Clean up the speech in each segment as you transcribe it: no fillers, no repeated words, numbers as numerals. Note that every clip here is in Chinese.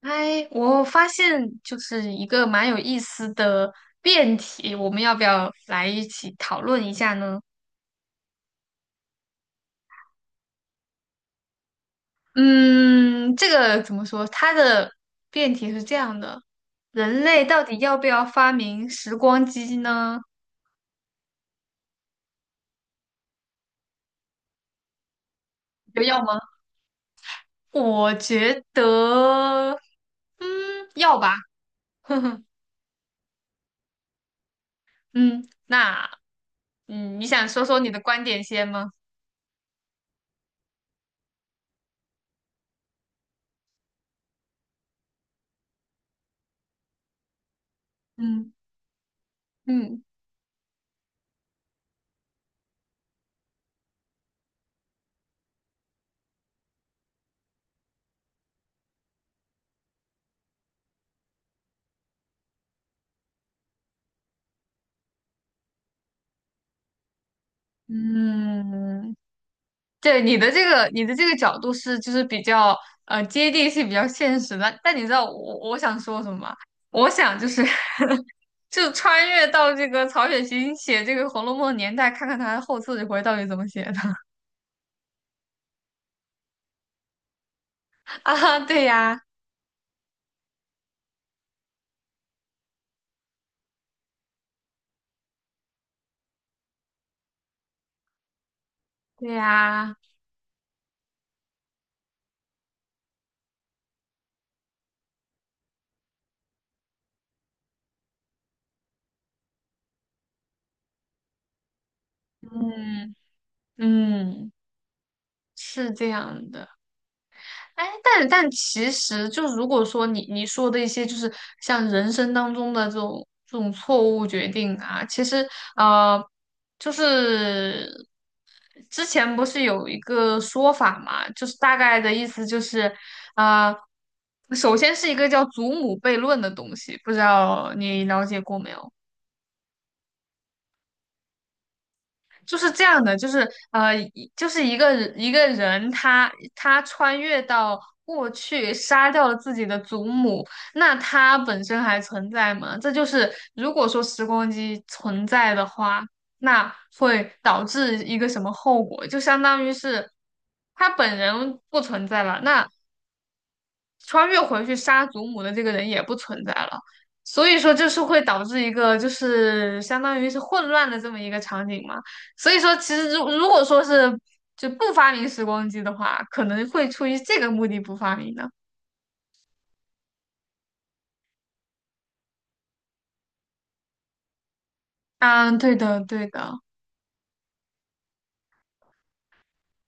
哎，我发现就是一个蛮有意思的辩题，我们要不要来一起讨论一下呢？嗯，这个怎么说？它的辩题是这样的：人类到底要不要发明时光机呢？你觉得要吗？我觉得，嗯，要吧。呵呵，嗯，那，你想说说你的观点先吗？嗯嗯嗯。对你的这个角度是就是比较接地气、比较现实的。但你知道我想说什么吗？我想就是 就穿越到这个曹雪芹写这个《红楼梦》的年代，看看他后四十回到底怎么写的 啊？对呀，对呀，嗯嗯，是这样的。哎，但其实就如果说你说的一些就是像人生当中的这种错误决定啊，其实呃，就是之前不是有一个说法嘛，就是大概的意思就是啊，首先是一个叫祖母悖论的东西，不知道你了解过没有？就是这样的，就是就是一个人他穿越到过去，杀掉了自己的祖母，那他本身还存在吗？这就是如果说时光机存在的话，那会导致一个什么后果？就相当于是他本人不存在了，那穿越回去杀祖母的这个人也不存在了，所以说就是会导致一个就是相当于是混乱的这么一个场景嘛。所以说，其实如果说是就不发明时光机的话，可能会出于这个目的不发明的。嗯，对的，对的。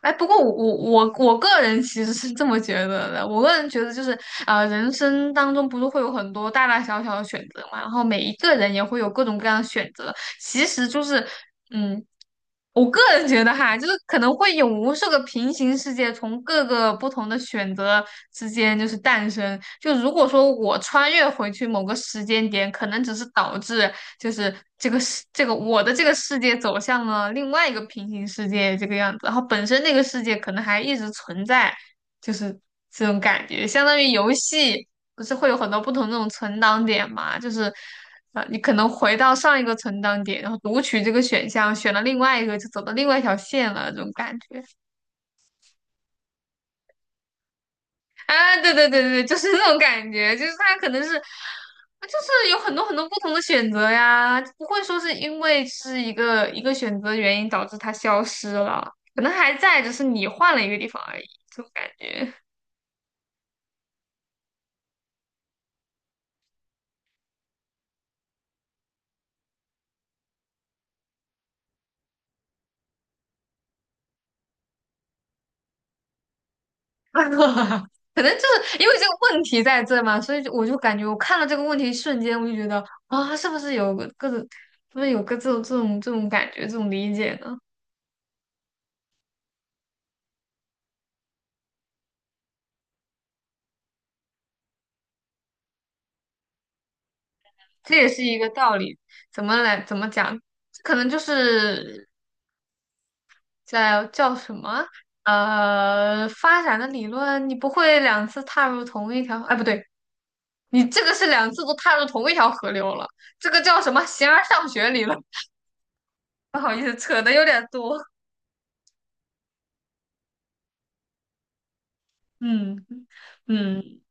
哎，不过我个人其实是这么觉得的。我个人觉得就是，人生当中不是会有很多大大小小的选择嘛，然后每一个人也会有各种各样的选择。其实就是，嗯。我个人觉得哈，就是可能会有无数个平行世界从各个不同的选择之间就是诞生。就如果说我穿越回去某个时间点，可能只是导致就是这个世这个我的这个世界走向了另外一个平行世界这个样子，然后本身那个世界可能还一直存在，就是这种感觉，相当于游戏不是会有很多不同那种存档点嘛？就是你可能回到上一个存档点，然后读取这个选项，选了另外一个，就走到另外一条线了，这种感觉啊，对对对对，就是那种感觉，就是它可能是。就是有很多很多不同的选择呀，不会说是因为是一个一个选择原因导致它消失了，可能还在，只是你换了一个地方而已，这种感觉。因为这个问题在这嘛，所以就我就感觉我看到这个问题瞬间，我就觉得啊，是不是有个这种感觉，这种理解呢？这也是一个道理，怎么讲？可能就是在叫什么发展的理论，你不会两次踏入同一条，哎，不对，你这个是两次都踏入同一条河流了，这个叫什么形而上学理论？不好意思，扯的有点多，嗯嗯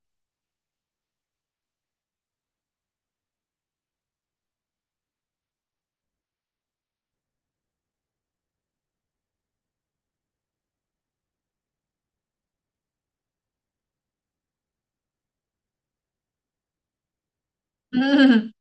嗯。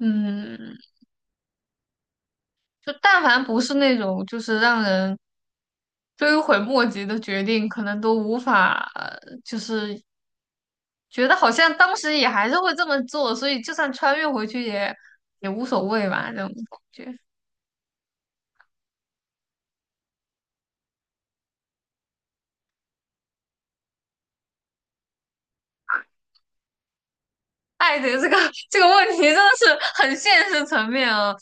嗯就但凡不是那种就是让人追悔莫及的决定，可能都无法，就是觉得好像当时也还是会这么做，所以就算穿越回去也无所谓吧，这种感觉。爱的这个 这个问题真的是很现实层面啊，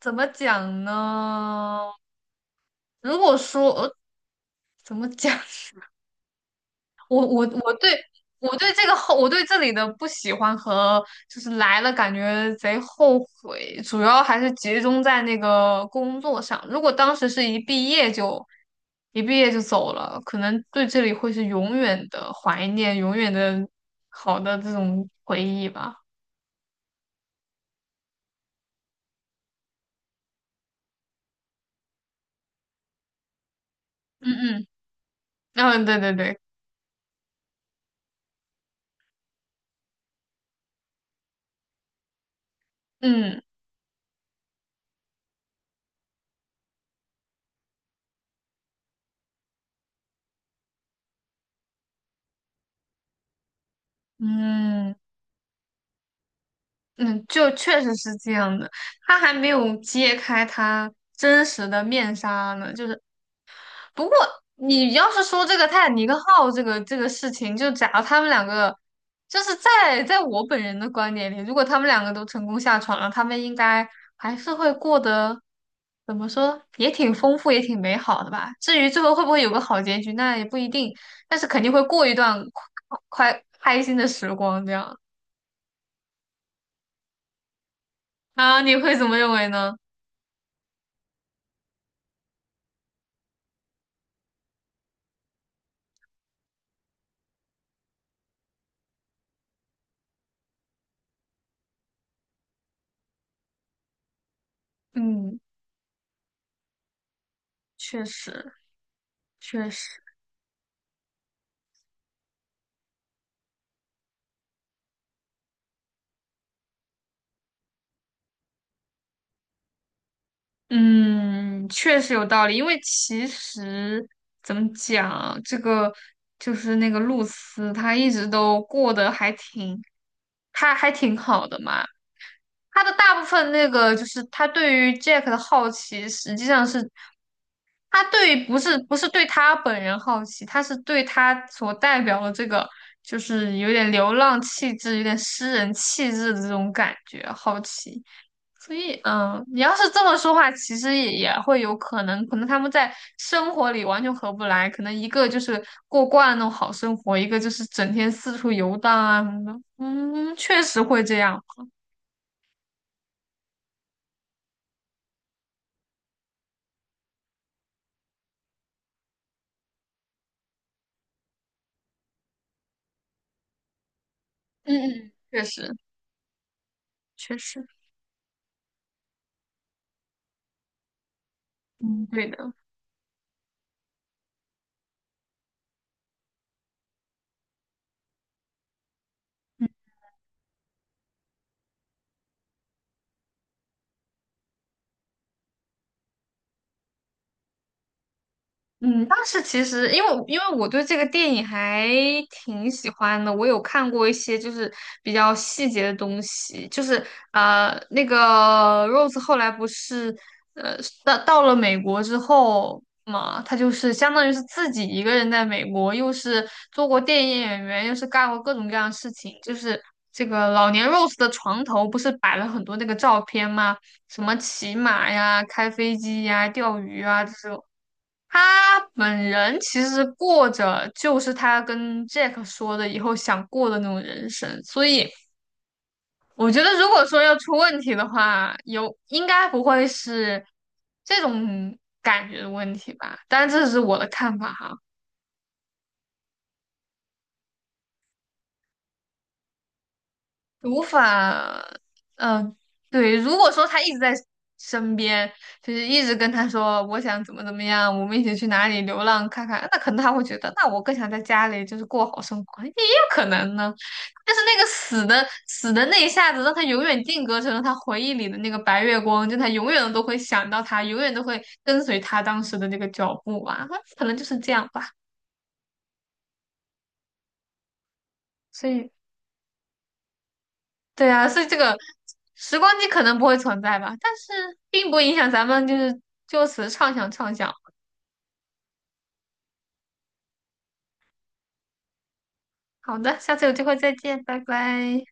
怎么讲呢？如果说，怎么讲？我我我对我对这里的不喜欢和就是来了感觉贼后悔，主要还是集中在那个工作上。如果当时是一毕业就走了，可能对这里会是永远的怀念，永远的好的这种回忆吧。嗯嗯，嗯，对对对，嗯嗯嗯，就确实是这样的。他还没有揭开他真实的面纱呢，就是不过你要是说这个泰坦尼克号这个事情，就假如他们两个，就是在我本人的观点里，如果他们两个都成功下船了，他们应该还是会过得怎么说，也挺丰富，也挺美好的吧。至于最后会不会有个好结局，那也不一定，但是肯定会过一段快开心的时光这样。啊，你会怎么认为呢？嗯，确实，确实。嗯，确实有道理，因为其实怎么讲，这个就是那个露丝，她一直都过得还挺，她还挺好的嘛。她的大部分那个就是她对于 Jack 的好奇，实际上是她对于不是不是对他本人好奇，她是对他所代表的这个就是有点流浪气质、有点诗人气质的这种感觉好奇。所以，你要是这么说话，其实也会有可能，可能他们在生活里完全合不来，可能一个就是过惯了那种好生活，一个就是整天四处游荡啊什么的。嗯，确实会这样。嗯嗯，确实确实，嗯，对的。嗯，当时其实因为我对这个电影还挺喜欢的，我有看过一些就是比较细节的东西，就是那个 Rose 后来不是呃到了美国之后嘛，她就是相当于是自己一个人在美国，又是做过电影演员，又是干过各种各样的事情，就是这个老年 Rose 的床头不是摆了很多那个照片吗？什么骑马呀、开飞机呀、钓鱼啊这种。他本人其实过着就是他跟 Jack 说的以后想过的那种人生，所以我觉得如果说要出问题的话，有应该不会是这种感觉的问题吧，但这是我的看法哈。无法，嗯、对，如果说他一直在身边，就是一直跟他说我想怎么怎么样，我们一起去哪里流浪看看，那可能他会觉得，那我更想在家里就是过好生活，也有可能呢。但是那个死的那一下子，让他永远定格成了他回忆里的那个白月光，就他永远都会想到他，永远都会跟随他当时的那个脚步啊，可能就是这样吧。所以对啊，所以这个时光机可能不会存在吧，但是并不影响咱们就是就此畅想畅想。好的，下次有机会再见，拜拜。